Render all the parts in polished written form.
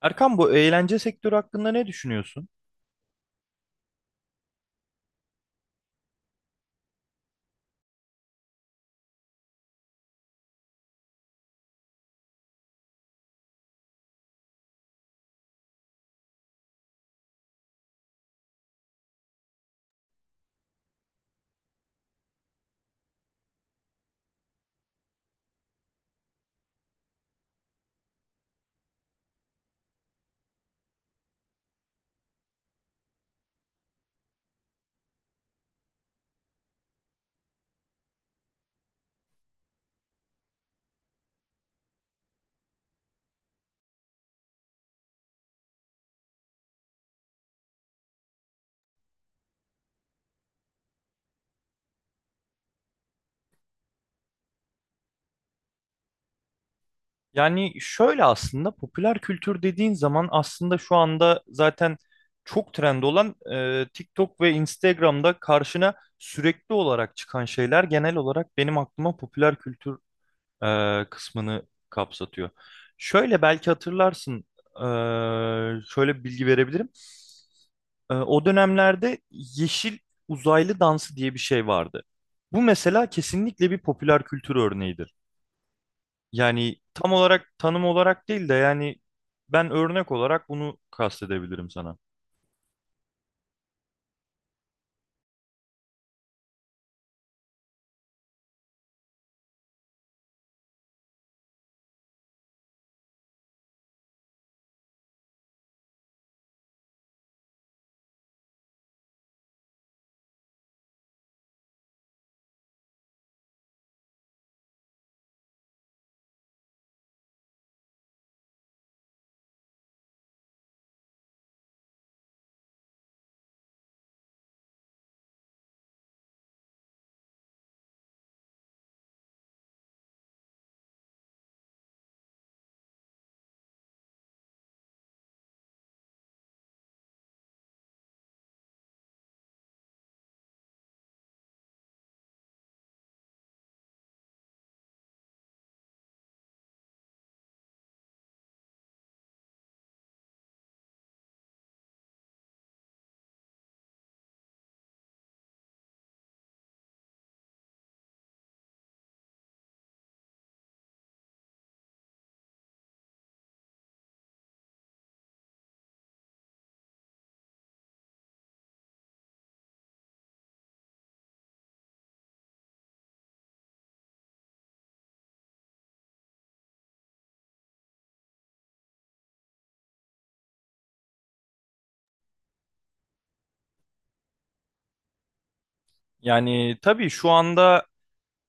Erkan, bu eğlence sektörü hakkında ne düşünüyorsun? Yani şöyle, aslında popüler kültür dediğin zaman aslında şu anda zaten çok trend olan TikTok ve Instagram'da karşına sürekli olarak çıkan şeyler genel olarak benim aklıma popüler kültür kısmını kapsatıyor. Şöyle belki hatırlarsın, e, şöyle bir bilgi verebilirim. O dönemlerde yeşil uzaylı dansı diye bir şey vardı. Bu mesela kesinlikle bir popüler kültür örneğidir. Yani tam olarak tanım olarak değil de yani ben örnek olarak bunu kastedebilirim sana. Yani tabii şu anda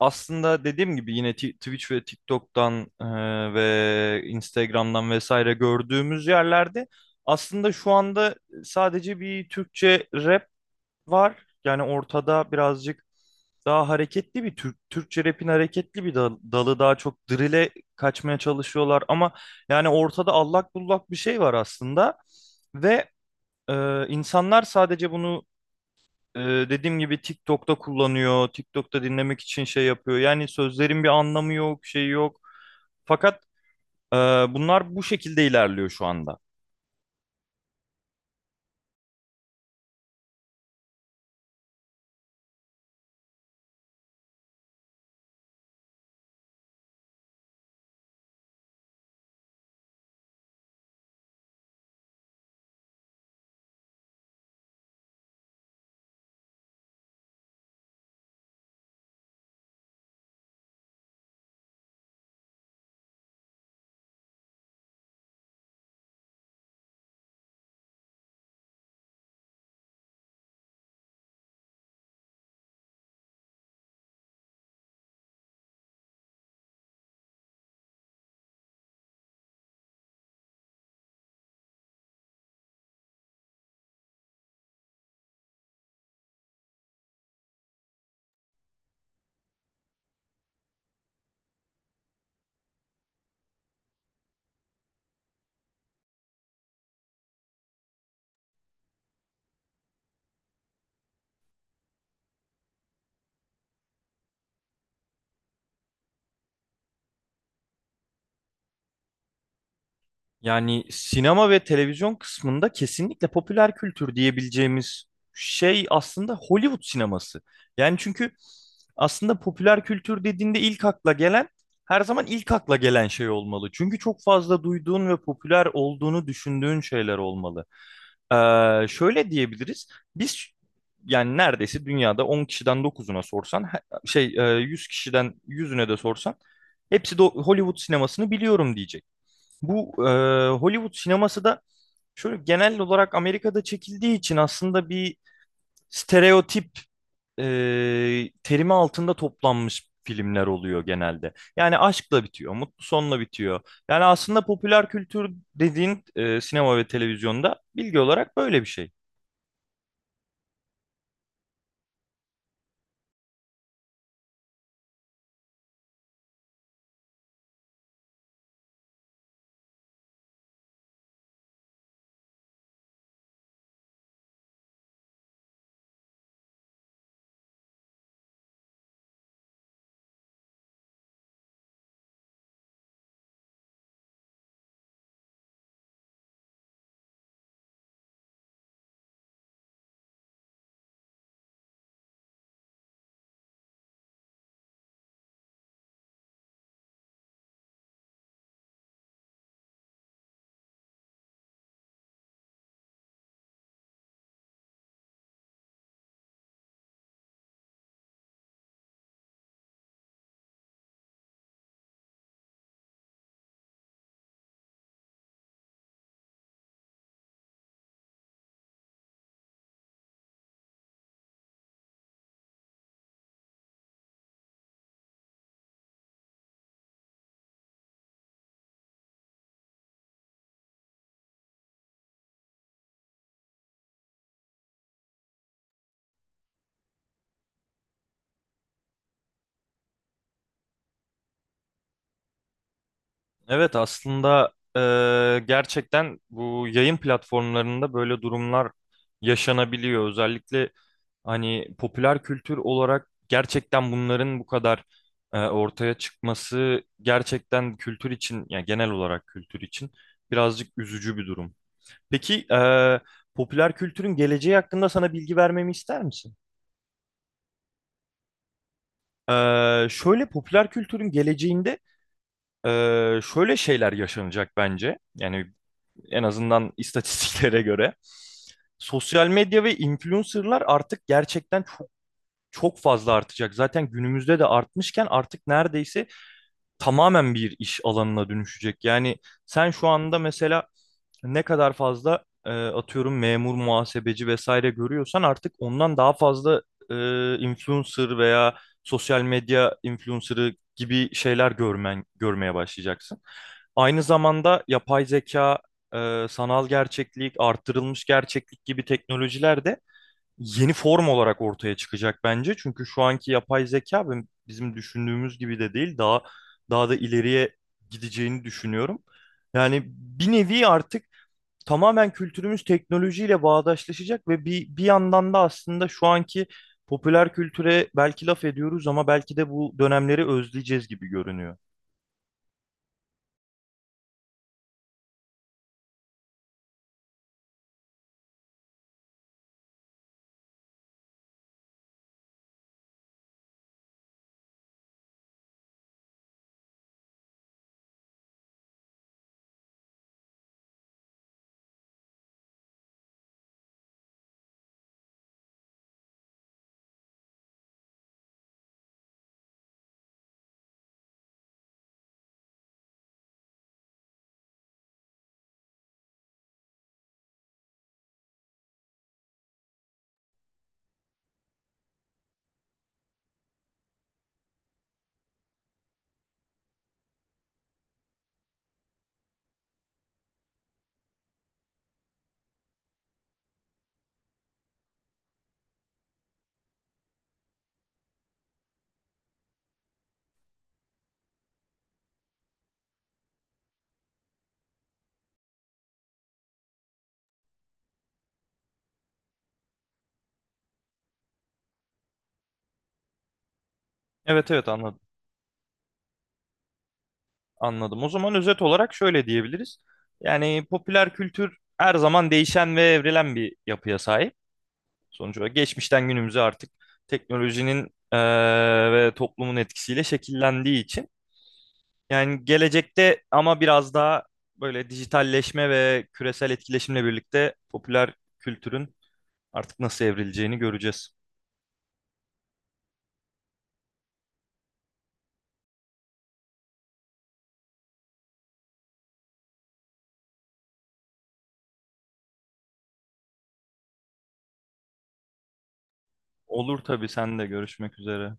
aslında dediğim gibi yine Twitch ve TikTok'tan ve Instagram'dan vesaire gördüğümüz yerlerde aslında şu anda sadece bir Türkçe rap var. Yani ortada birazcık daha hareketli bir Türk, Türkçe rap'in hareketli bir dalı daha çok drill'e kaçmaya çalışıyorlar ama yani ortada allak bullak bir şey var aslında ve insanlar sadece bunu e, dediğim gibi TikTok'ta kullanıyor, TikTok'ta dinlemek için şey yapıyor. Yani sözlerin bir anlamı yok, şey yok. Fakat e, bunlar bu şekilde ilerliyor şu anda. Yani sinema ve televizyon kısmında kesinlikle popüler kültür diyebileceğimiz şey aslında Hollywood sineması. Yani çünkü aslında popüler kültür dediğinde ilk akla gelen, her zaman ilk akla gelen şey olmalı. Çünkü çok fazla duyduğun ve popüler olduğunu düşündüğün şeyler olmalı. Şöyle diyebiliriz. Biz yani neredeyse dünyada 10 kişiden dokuzuna sorsan, şey, 100 kişiden yüzüne de sorsan hepsi de Hollywood sinemasını biliyorum diyecek. Bu Hollywood sineması da şöyle genel olarak Amerika'da çekildiği için aslında bir stereotip e, terimi altında toplanmış filmler oluyor genelde. Yani aşkla bitiyor, mutlu sonla bitiyor. Yani aslında popüler kültür dediğin sinema ve televizyonda bilgi olarak böyle bir şey. Evet, aslında gerçekten bu yayın platformlarında böyle durumlar yaşanabiliyor. Özellikle hani popüler kültür olarak gerçekten bunların bu kadar ortaya çıkması gerçekten kültür için, yani genel olarak kültür için birazcık üzücü bir durum. Peki popüler kültürün geleceği hakkında sana bilgi vermemi ister misin? E, Şöyle, popüler kültürün geleceğinde e, şöyle şeyler yaşanacak bence. Yani en azından istatistiklere göre. Sosyal medya ve influencerlar artık gerçekten çok fazla artacak. Zaten günümüzde de artmışken artık neredeyse tamamen bir iş alanına dönüşecek. Yani sen şu anda mesela ne kadar fazla atıyorum memur, muhasebeci vesaire görüyorsan artık ondan daha fazla influencer veya sosyal medya influencer'ı gibi şeyler görmeye başlayacaksın. Aynı zamanda yapay zeka, sanal gerçeklik, artırılmış gerçeklik gibi teknolojiler de yeni form olarak ortaya çıkacak bence. Çünkü şu anki yapay zeka bizim düşündüğümüz gibi de değil. Daha da ileriye gideceğini düşünüyorum. Yani bir nevi artık tamamen kültürümüz teknolojiyle bağdaşlaşacak ve bir yandan da aslında şu anki popüler kültüre belki laf ediyoruz ama belki de bu dönemleri özleyeceğiz gibi görünüyor. Evet, anladım. Anladım. O zaman özet olarak şöyle diyebiliriz. Yani popüler kültür her zaman değişen ve evrilen bir yapıya sahip. Sonuç olarak geçmişten günümüze artık teknolojinin ve toplumun etkisiyle şekillendiği için. Yani gelecekte ama biraz daha böyle dijitalleşme ve küresel etkileşimle birlikte popüler kültürün artık nasıl evrileceğini göreceğiz. Olur tabii, sen de görüşmek üzere.